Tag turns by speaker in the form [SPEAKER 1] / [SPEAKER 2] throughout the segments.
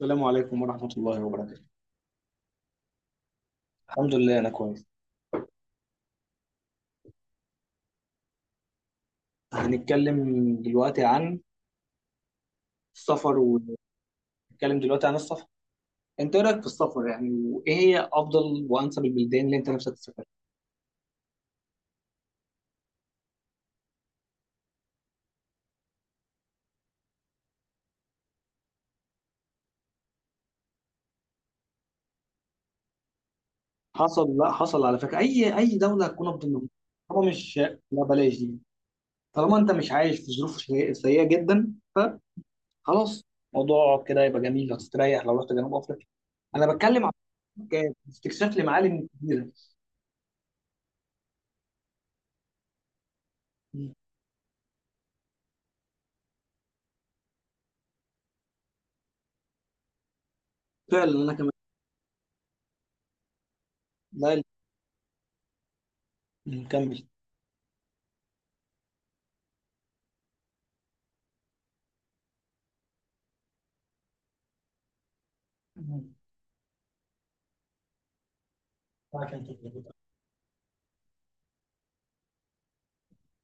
[SPEAKER 1] السلام عليكم ورحمة الله وبركاته. الحمد لله أنا كويس. هنتكلم دلوقتي عن السفر، ونتكلم دلوقتي عن السفر. أنت إيه رأيك في السفر؟ يعني وإيه هي أفضل وأنسب البلدان اللي أنت نفسك تسافرها؟ حصل لا حصل على فكرة، أي دولة هتكون أفضل منهم؟ طالما مش لا بلاش دي. طالما أنت مش عايش في ظروف سيئة جدا، فخلاص، موضوع كده يبقى جميل، هتستريح لو رحت جنوب أفريقيا. أنا بتكلم عن استكشاف لمعالم كبيرة. فعلا أنا كمان. لا، نكمل.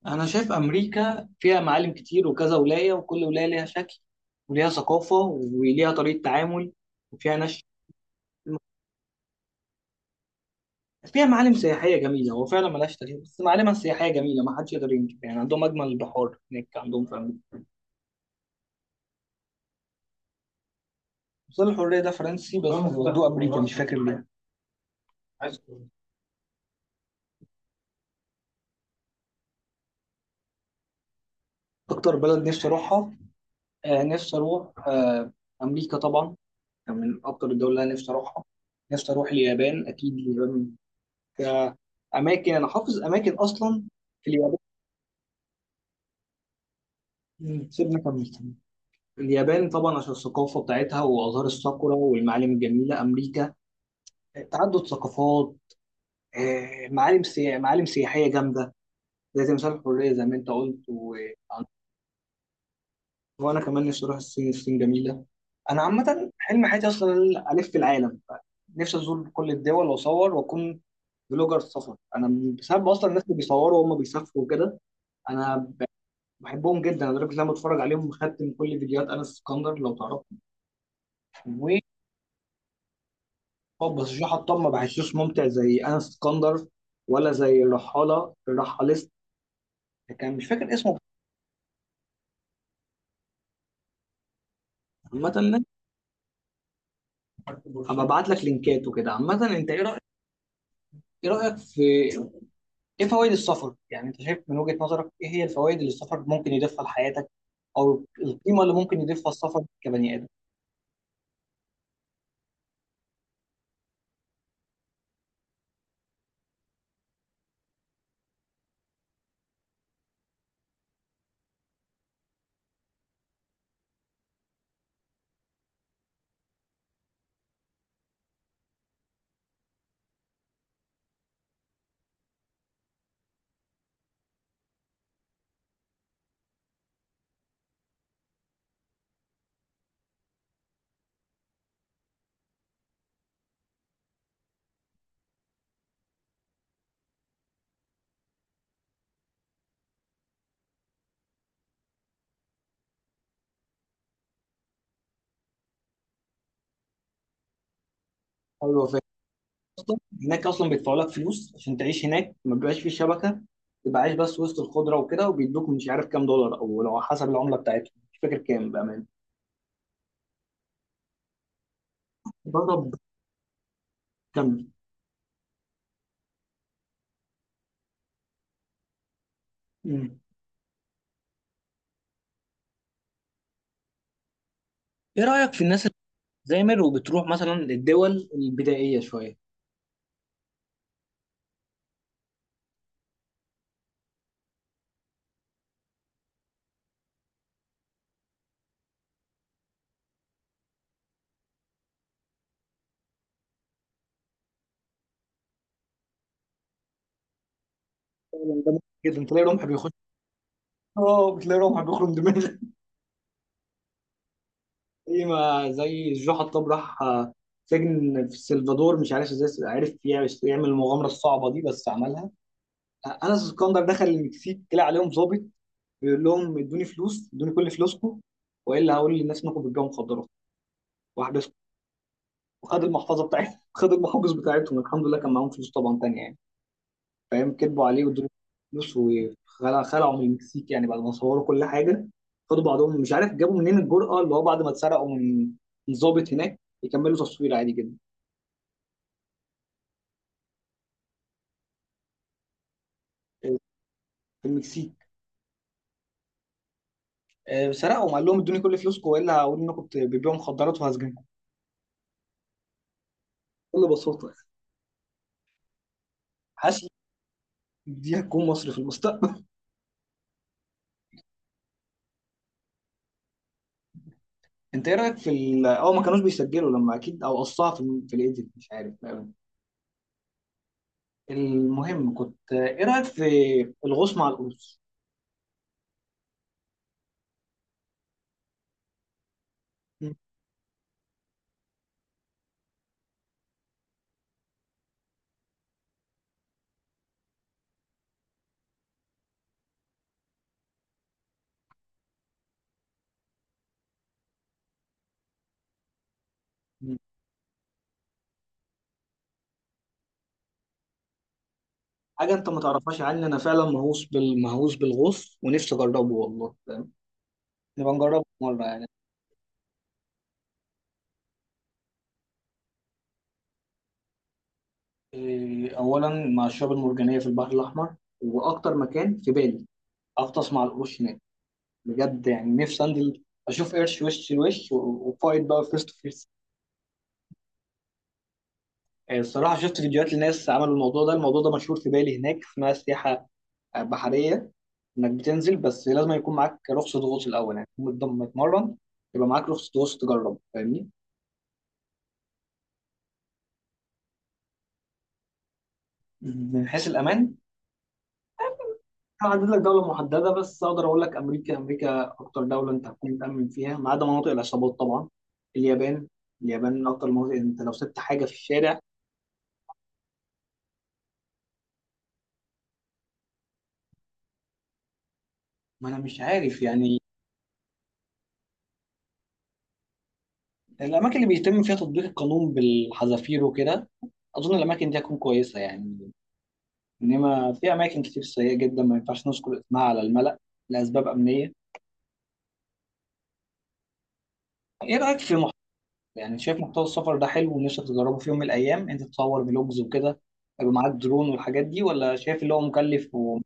[SPEAKER 1] انا شايف امريكا فيها معالم كتير وكذا ولايه، وكل ولايه ليها شكل وليها ثقافه وليها طريقه تعامل وفيها ناس. فيها معالم سياحيه جميله، هو فعلا ملهاش تاريخ بس معالمها السياحيه جميله، ما حدش يقدر ينكر يعني. عندهم اجمل البحار هناك، عندهم في امريكا. مثال الحريه ده فرنسي بس ودوه امريكا، مش فاكر ليه. اكتر بلد نفسي اروحها، آه، نفسي اروح، آه، امريكا طبعا. يعني من اكتر الدول اللي انا نفسي اروحها. نفسي اروح اليابان، اكيد اليابان، كأماكن، أنا حافظ أماكن أصلا في اليابان. مم. سيبنا، كمل كمل. اليابان طبعا عشان الثقافة بتاعتها وأزهار الساكورا والمعالم الجميلة. أمريكا، تعدد ثقافات، معالم سياحية جامدة زي تمثال الحرية زي ما أنت قلت. و... وأنا كمان نفسي أروح الصين، الصين جميلة. أنا عامة حلم حياتي أصلا إن أنا ألف في العالم، نفسي أزور كل الدول وأصور وأكون بلوجر سفر. أنا بسبب أصلا الناس اللي بيصوروا وهم بيسافروا وكده، انا بحبهم جدا لدرجه ان انا بتفرج عليهم، مختم كل فيديوهات انس اسكندر لو تعرف. و بس جو حطام ما بحسوش ممتع زي انس اسكندر، ولا زي الرحاليست، كان مش فاكر اسمه. عامه، هبقى ابعت لك لينكات وكده. عامه انت ايه رايك؟ ايه رايك في، ايه فوائد السفر يعني؟ انت شايف من وجهه نظرك ايه هي الفوائد اللي السفر ممكن يضيفها لحياتك، او القيمه اللي ممكن يضيفها السفر كبني ادم؟ او الوفاء اصلا، هناك اصلا بيدفعوا لك فلوس عشان تعيش هناك، ما بيبقاش فيه شبكه، تبقى عايش بس وسط الخضره وكده، وبيدوك مش عارف كام دولار، او لو حسب العمله بتاعتهم مش فاكر كام، بامان. بضرب كام. مم. ايه رايك في الناس اللي بتزامر وبتروح مثلا للدول البدائيه شويه؟ فعلاً ده ممكن جدا، تلاقي رمح بيخش. اه، بتلاقي رمح بيخرم دماغك. زي ما، زي الجو حطاب، راح، سجن في السلفادور، مش عارف ازاي عرف يعمل، يعمل المغامره الصعبه دي بس عملها. انس اسكندر دخل المكسيك طلع عليهم ظابط، بيقول لهم ادوني فلوس، ادوني كل فلوسكم، والا هقول للناس انكم بتبيعوا مخدرات، واحبسكم، وخد المحفظه بتاعتهم. خد المحافظ بتاعتهم، الحمد لله كان معاهم فلوس طبعا تانية يعني. فاهم، كذبوا عليه وادوني فلوس، وخلعوا من المكسيك يعني بعد ما صوروا كل حاجه. خدوا بعضهم، مش عارف جابوا منين الجرأه، اللي هو بعد ما اتسرقوا من ضابط هناك، يكملوا تصوير عادي جدا. في المكسيك. سرقهم، قال لهم ادوني كل فلوسكم، والا هقول انكم بتبيعوا مخدرات وهسجنكم، بكل بساطه. حاسس دي هتكون مصر في المستقبل. انت ايه رايك في ال اه ما كانوش بيسجلوا لما، اكيد او قصها في في الايديت، مش عارف بأمانة. المهم، كنت ايه رايك في الغوص مع القروش؟ مم. حاجه انت ما تعرفهاش عني، انا فعلا مهووس مهووس بالغوص ونفسي اجربه والله، فاهم؟ نبقى نجربه مره يعني. إيه، اولا مع الشعاب المرجانيه في البحر الاحمر. واكتر مكان في بالي اغطس مع القروش هناك، بجد يعني، نفسي انزل اشوف قرش وش لوش وفايت بقى، فيست. الصراحة شفت فيديوهات لناس عملوا الموضوع ده، الموضوع ده مشهور في بالي هناك، اسمها سياحة بحرية. إنك بتنزل، بس لازم يكون معاك رخصة غوص الأول، يعني تكون متمرن، يبقى معاك رخصة غوص، تجرب، فاهمني؟ من حيث الأمان، أنا عدد لك دولة محددة، بس أقدر أقول لك أمريكا، أمريكا أكتر دولة أنت هتكون متأمن فيها، ما عدا مناطق العصابات طبعا. اليابان، اليابان من أكتر المناطق، أنت لو سبت حاجة في الشارع. ما أنا مش عارف يعني. الأماكن اللي بيتم فيها تطبيق القانون بالحذافير وكده، أظن الأماكن دي هتكون كويسة يعني. انما في اماكن كتير سيئه جدا، ما ينفعش نذكر اسمها على الملأ، لاسباب امنيه. ايه رايك في محتوى، يعني شايف محتوى السفر ده حلو ونفسك تجربه في يوم من الايام، انت تصور فلوجز وكده، يبقى معاك درون والحاجات دي، ولا شايف اللي هو مكلف؟ و...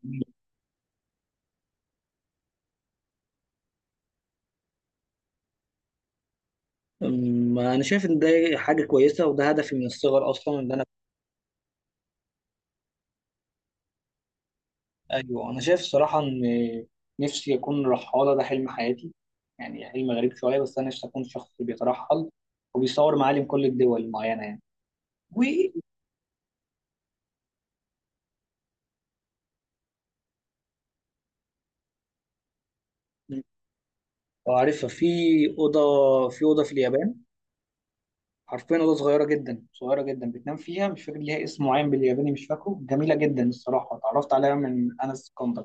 [SPEAKER 1] انا شايف ان ده حاجه كويسه، وده هدفي من الصغر اصلا، ان انا. ايوه انا شايف الصراحه ان نفسي اكون رحاله، ده حلم حياتي، يعني حلم غريب شويه، بس انا نفسي اكون شخص بيترحل وبيصور معالم كل الدول المعينه يعني. اه، عارفها، في اوضه، في اوضه في اليابان حرفيا، اوضه صغيره جدا صغيره جدا بتنام فيها، مش فاكر ليها اسم معين بالياباني، مش فاكره، جميله جدا الصراحه، اتعرفت عليها من انس كوندر.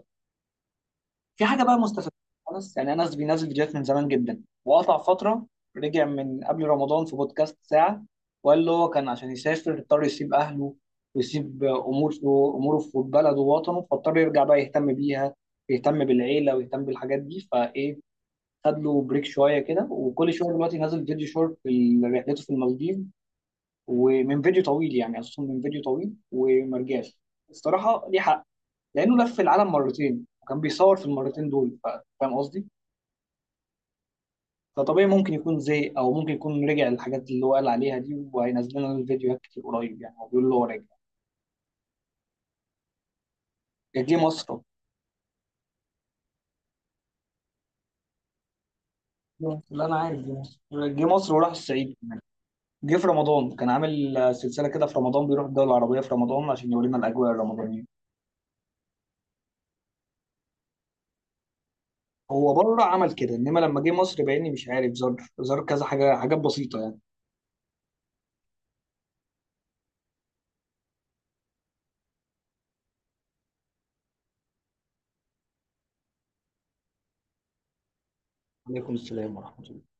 [SPEAKER 1] في حاجه بقى مستفزه خالص يعني، انس بينزل فيديوهات من زمان جدا وقطع فتره، رجع من قبل رمضان في بودكاست ساعه، وقال له، هو كان عشان يسافر اضطر يسيب اهله، ويسيب امور، اموره في بلده ووطنه، فاضطر يرجع بقى يهتم بيها، يهتم بالعيله ويهتم بالحاجات دي. فايه، خد له بريك شويه كده، وكل شويه دلوقتي نازل فيديو شورت في رحلته في المالديف، ومن فيديو طويل يعني اساسا من فيديو طويل، وما رجعش. الصراحه ليه حق، لانه لف العالم مرتين وكان بيصور في المرتين دول، فاهم قصدي؟ فطبيعي ممكن يكون زهق، او ممكن يكون رجع للحاجات اللي هو قال عليها دي، وهينزل لنا الفيديوهات كتير قريب يعني، هو بيقول له هو راجع. جه مصر. لا انا عارف جه مصر. جه مصر وراح الصعيد كمان. جه في رمضان، كان عامل سلسله كده في رمضان بيروح الدول العربيه في رمضان عشان يورينا الاجواء الرمضانيه. هو بره عمل كده، انما لما جه مصر، باني مش عارف، زار كذا حاجه، حاجات بسيطه يعني. عليكم السلام ورحمه الله.